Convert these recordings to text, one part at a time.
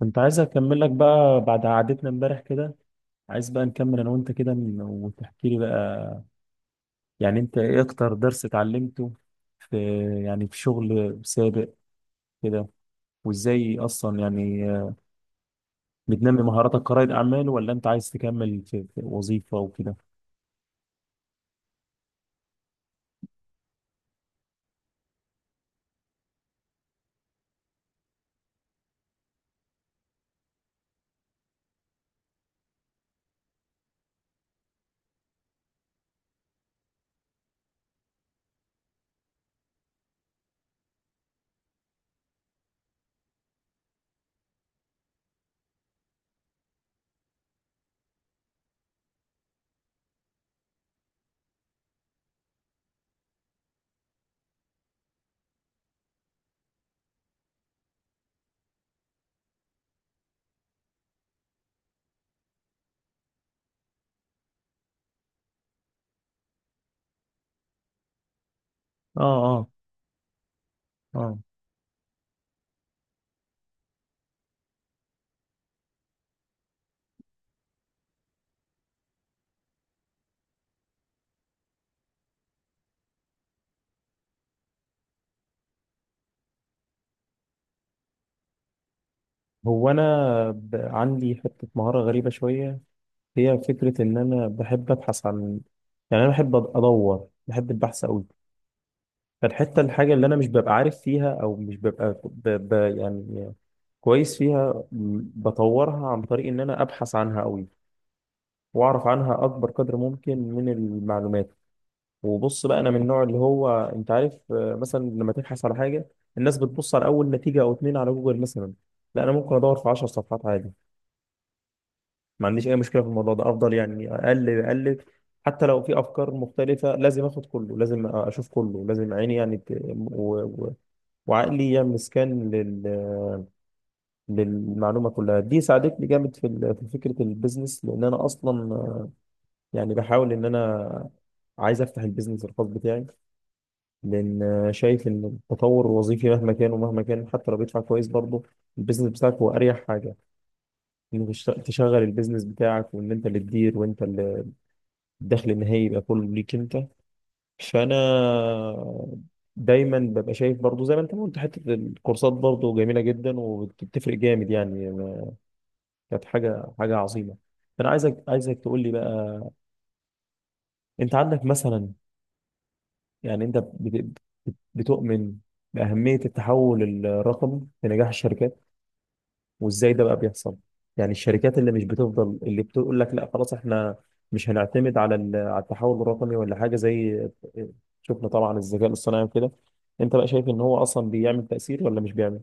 كنت عايز اكمل لك بقى بعد قعدتنا امبارح كده. عايز بقى نكمل انا وانت كده وتحكي لي بقى، يعني انت ايه اكتر درس اتعلمته في يعني في شغل سابق كده؟ وازاي اصلا يعني بتنمي مهاراتك كرائد اعمال ولا انت عايز تكمل في وظيفة وكده؟ اه. اه. اه. هو انا عندي حتة مهارة غريبة شوية، هي فكرة ان انا بحب ابحث عن، يعني انا بحب ادور، بحب البحث قوي. فالحتة، الحاجة اللي أنا مش ببقى عارف فيها أو مش ببقى يعني كويس فيها، بطورها عن طريق إن أنا أبحث عنها أوي، وأعرف عنها أكبر قدر ممكن من المعلومات. وبص بقى، أنا من النوع اللي هو، أنت عارف، مثلا لما تبحث على حاجة، الناس بتبص على أول نتيجة أو اتنين على جوجل مثلا. لا، أنا ممكن أدور في 10 صفحات عادي، ما عنديش أي مشكلة في الموضوع ده، أفضل يعني أقلب أقلب. حتى لو في أفكار مختلفة، لازم آخد كله، لازم أشوف كله، لازم عيني يعني و... وعقلي يا مسكان للمعلومه كلها. دي ساعدتني جامد في في فكره البيزنس، لان انا اصلا يعني بحاول ان انا عايز افتح البيزنس الخاص بتاعي، لان شايف ان التطور الوظيفي مهما كان ومهما كان، حتى لو بيدفع كويس، برضه البيزنس بتاعك هو اريح حاجه، انك تشغل البيزنس بتاعك، وان انت اللي تدير، وانت اللي الدخل النهائي يبقى كله ليك انت. فانا دايما ببقى شايف، برضو زي ما انت ما قلت، حته الكورسات برضو جميله جدا، وبتفرق جامد يعني، كانت حاجه عظيمه. فانا عايزك تقول لي بقى، انت عندك مثلا، يعني انت بتؤمن باهميه التحول الرقمي في نجاح الشركات، وازاي ده بقى بيحصل؟ يعني الشركات اللي مش بتفضل، اللي بتقول لك لا خلاص احنا مش هنعتمد على على التحول الرقمي ولا حاجه زي، شفنا طبعا الذكاء الاصطناعي وكده، انت بقى شايف ان هو اصلا بيعمل تاثير ولا مش بيعمل؟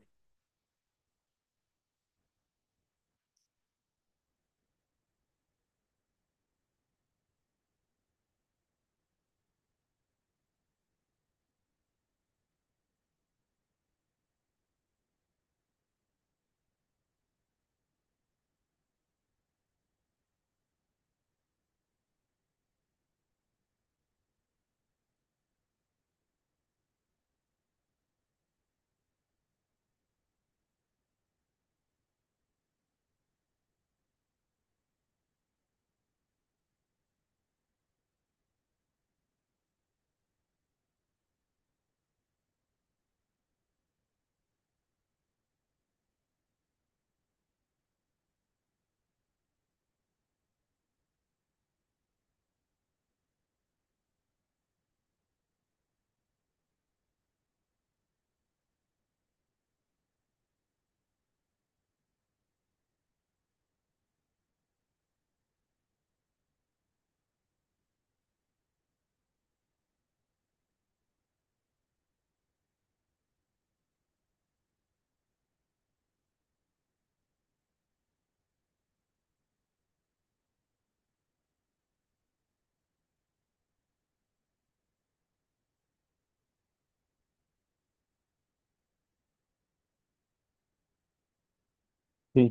في.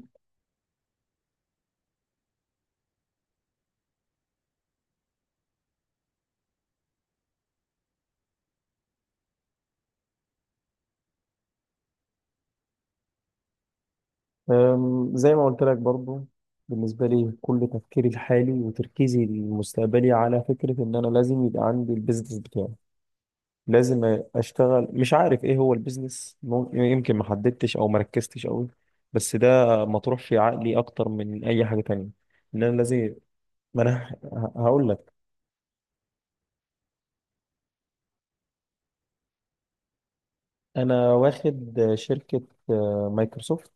زي ما قلت لك برضو، بالنسبة لي كل تفكيري الحالي وتركيزي المستقبلي على فكرة إن أنا لازم يبقى عندي البيزنس بتاعي. لازم اشتغل، مش عارف ايه هو البيزنس، يمكن ما حددتش او ما ركزتش قوي، بس ده مطروح في عقلي اكتر من اي حاجه تانية، ان انا لازم. ما انا هقول لك، انا واخد شركه مايكروسوفت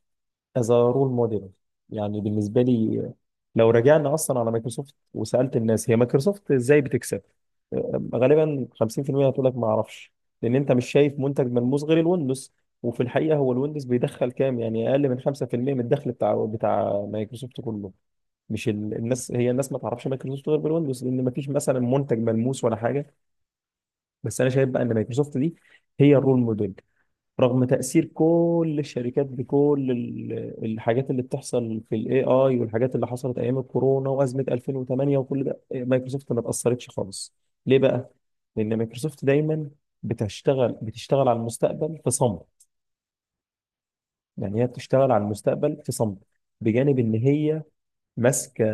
as a role model، يعني بالنسبه لي. لو رجعنا اصلا على مايكروسوفت، وسالت الناس هي مايكروسوفت ازاي بتكسب، غالبا 50% هتقول لك ما اعرفش، لان انت مش شايف منتج ملموس غير الويندوز. وفي الحقيقه هو الويندوز بيدخل كام، يعني اقل من 5% من الدخل بتاع مايكروسوفت كله. مش ال... الناس، هي الناس ما تعرفش مايكروسوفت غير بالويندوز، لان ما فيش مثلا منتج ملموس ولا حاجه. بس انا شايف بقى ان مايكروسوفت دي هي الرول موديل، رغم تأثير كل الشركات بكل الحاجات اللي بتحصل في الاي اي، والحاجات اللي حصلت ايام الكورونا وازمة 2008، وكل ده مايكروسوفت ما اتأثرتش خالص. ليه بقى؟ لان مايكروسوفت دايما بتشتغل على المستقبل في صمت، يعني هي بتشتغل على المستقبل في صمت، بجانب ان هي ماسكه،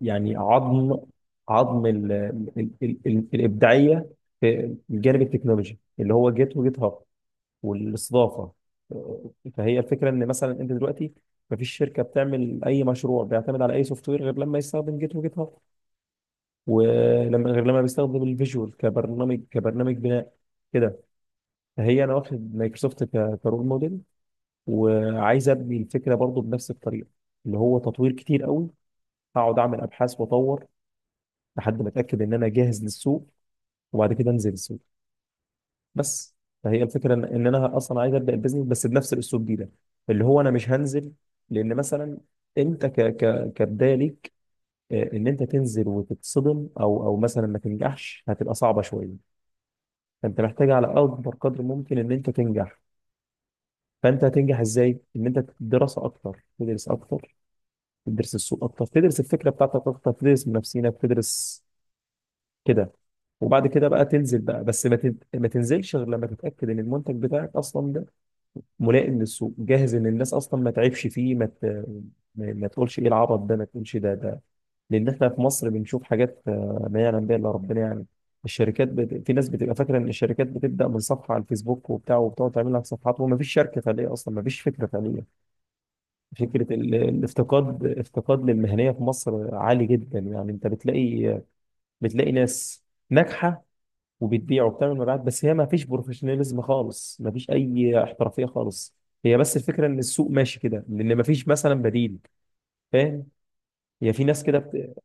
يعني عظم ال ال ال ال الابداعيه في الجانب التكنولوجي، اللي هو جيت وجيت هاب والاستضافه. فهي الفكره ان مثلا انت دلوقتي مفيش شركه بتعمل اي مشروع بيعتمد على اي سوفت وير غير لما يستخدم جيت وجيت هاب، ولما غير لما بيستخدم الفيجوال كبرنامج بناء كده. فهي انا واخد مايكروسوفت كرول موديل، وعايز ابني الفكره برضو بنفس الطريقه، اللي هو تطوير كتير قوي، هقعد اعمل ابحاث واطور لحد ما اتاكد ان انا جاهز للسوق، وبعد كده انزل السوق بس. فهي الفكره ان انا اصلا عايز ابدا البيزنس، بس بنفس الاسلوب ده، اللي هو انا مش هنزل. لان مثلا انت ك ك كبدايه ليك، ان انت تنزل وتتصدم، او مثلا ما تنجحش، هتبقى صعبه شويه. فانت محتاج على اكبر قدر ممكن ان انت تنجح. فانت هتنجح ازاي؟ ان انت دراسه اكتر، تدرس اكتر، تدرس السوق اكتر، تدرس الفكره بتاعتك اكتر، تدرس منافسينك، تدرس كده. وبعد كده بقى تنزل بقى، بس ما تنزلش غير لما تتاكد ان المنتج بتاعك اصلا ملائم للسوق، جاهز، ان الناس اصلا ما تعبش فيه، ما تقولش ايه العبط ده، ما تقولش ده. لان احنا في مصر بنشوف حاجات ما يعلم بها الا ربنا يعني. الشركات في ناس بتبقى فاكره ان الشركات بتبدا من صفحه على الفيسبوك وبتاع، وبتقعد تعمل لك صفحات، وما فيش شركه فعليه اصلا، ما فيش فكره فعليه. فكره الافتقاد، افتقاد للمهنيه في مصر عالي جدا، يعني انت بتلاقي ناس ناجحه، وبتبيع وبتعمل مبيعات، بس هي ما فيش بروفيشناليزم خالص، ما فيش اي احترافيه خالص. هي بس الفكره ان السوق ماشي كده لان ما فيش مثلا بديل. فاهم؟ هي في ناس كده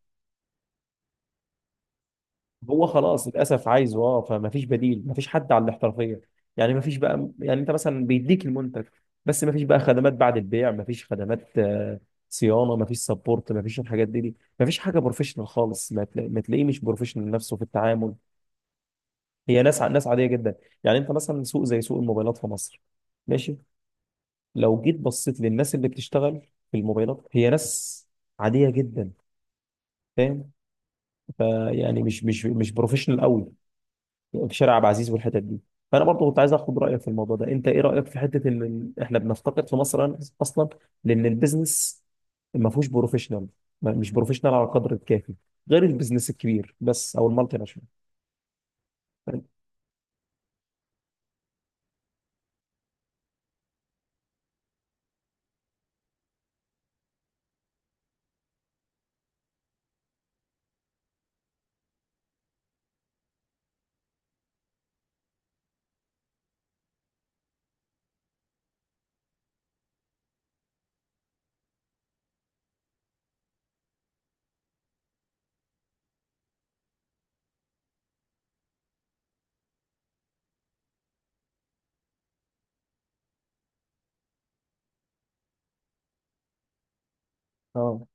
هو خلاص للاسف عايزه اه، فما فيش بديل، ما فيش حد على الاحترافيه. يعني ما فيش بقى، يعني انت مثلا بيديك المنتج، بس ما فيش بقى خدمات بعد البيع، ما فيش خدمات صيانه، ما فيش سبورت، ما فيش الحاجات دي. ما فيش حاجه بروفيشنال خالص، ما تلاقيه مش بروفيشنال نفسه في التعامل. هي ناس ناس عاديه جدا. يعني انت مثلا سوق زي سوق الموبايلات في مصر ماشي. لو جيت بصيت للناس اللي بتشتغل في الموبايلات، هي ناس عادية جدا. فاهم؟ فيعني مش بروفيشنال قوي في شارع عبد العزيز والحتت دي. فانا برضه كنت عايز اخد رايك في الموضوع ده. انت ايه رايك في حته ان احنا بنفتقد في مصر اصلا، لان البيزنس ما فيهوش بروفيشنال، مش بروفيشنال على القدر الكافي، غير البيزنس الكبير بس او المالتي ناشونال. فاهم؟ اه.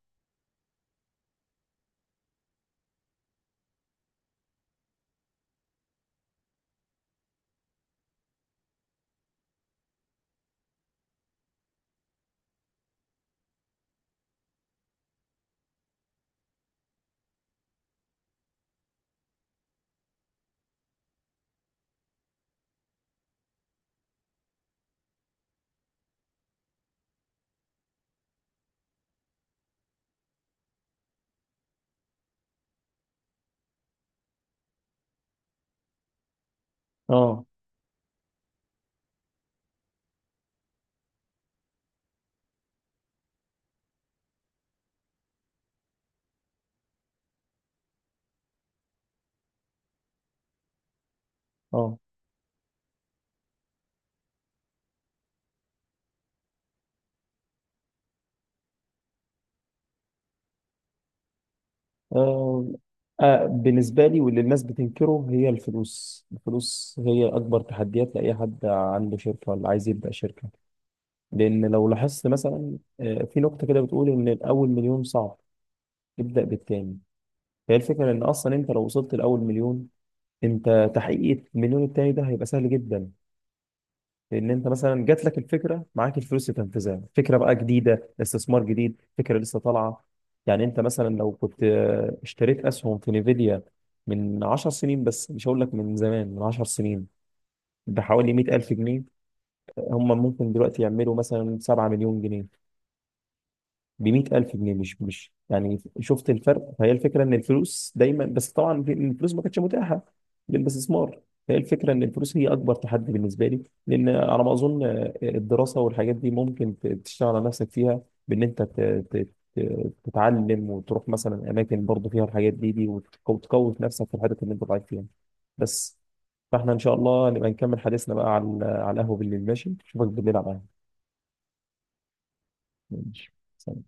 اه. اه. آه. بالنسبة لي، واللي الناس بتنكره هي الفلوس. الفلوس هي أكبر تحديات لأي حد عنده شركة ولا عايز يبدأ شركة. لأن لو لاحظت مثلا، في نقطة كده بتقول إن الأول مليون صعب، ابدأ بالتاني. فهي الفكرة إن أصلا أنت لو وصلت لأول مليون، أنت تحقيق المليون التاني ده هيبقى سهل جدا، لان انت مثلا جات لك الفكره، معاك الفلوس تنفذها، فكره بقى جديده، استثمار جديد، فكره لسه طالعه. يعني انت مثلا لو كنت اشتريت اسهم في نيفيديا من 10 سنين، بس مش هقول لك من زمان، من 10 سنين، بحوالي 100,000 جنيه، هم ممكن دلوقتي يعملوا مثلا 7 مليون جنيه. بمية ألف جنيه، مش يعني، شفت الفرق؟ فهي الفكرة إن الفلوس دايما، بس طبعا الفلوس ما كانتش متاحة للاستثمار. هي الفكرة إن الفلوس هي أكبر تحدي بالنسبة لي، لأن على ما أظن، الدراسة والحاجات دي ممكن تشتغل على نفسك فيها، بإن أنت ت- تتعلم، وتروح مثلا أماكن برضه فيها الحاجات دي، وتقوي في نفسك في الحاجات اللي أنت ضعيف فيها بس. فإحنا إن شاء الله نبقى نكمل حديثنا بقى على القهوة بالليل، ماشي، أشوفك بالليل على القهوة. ماشي. سلام.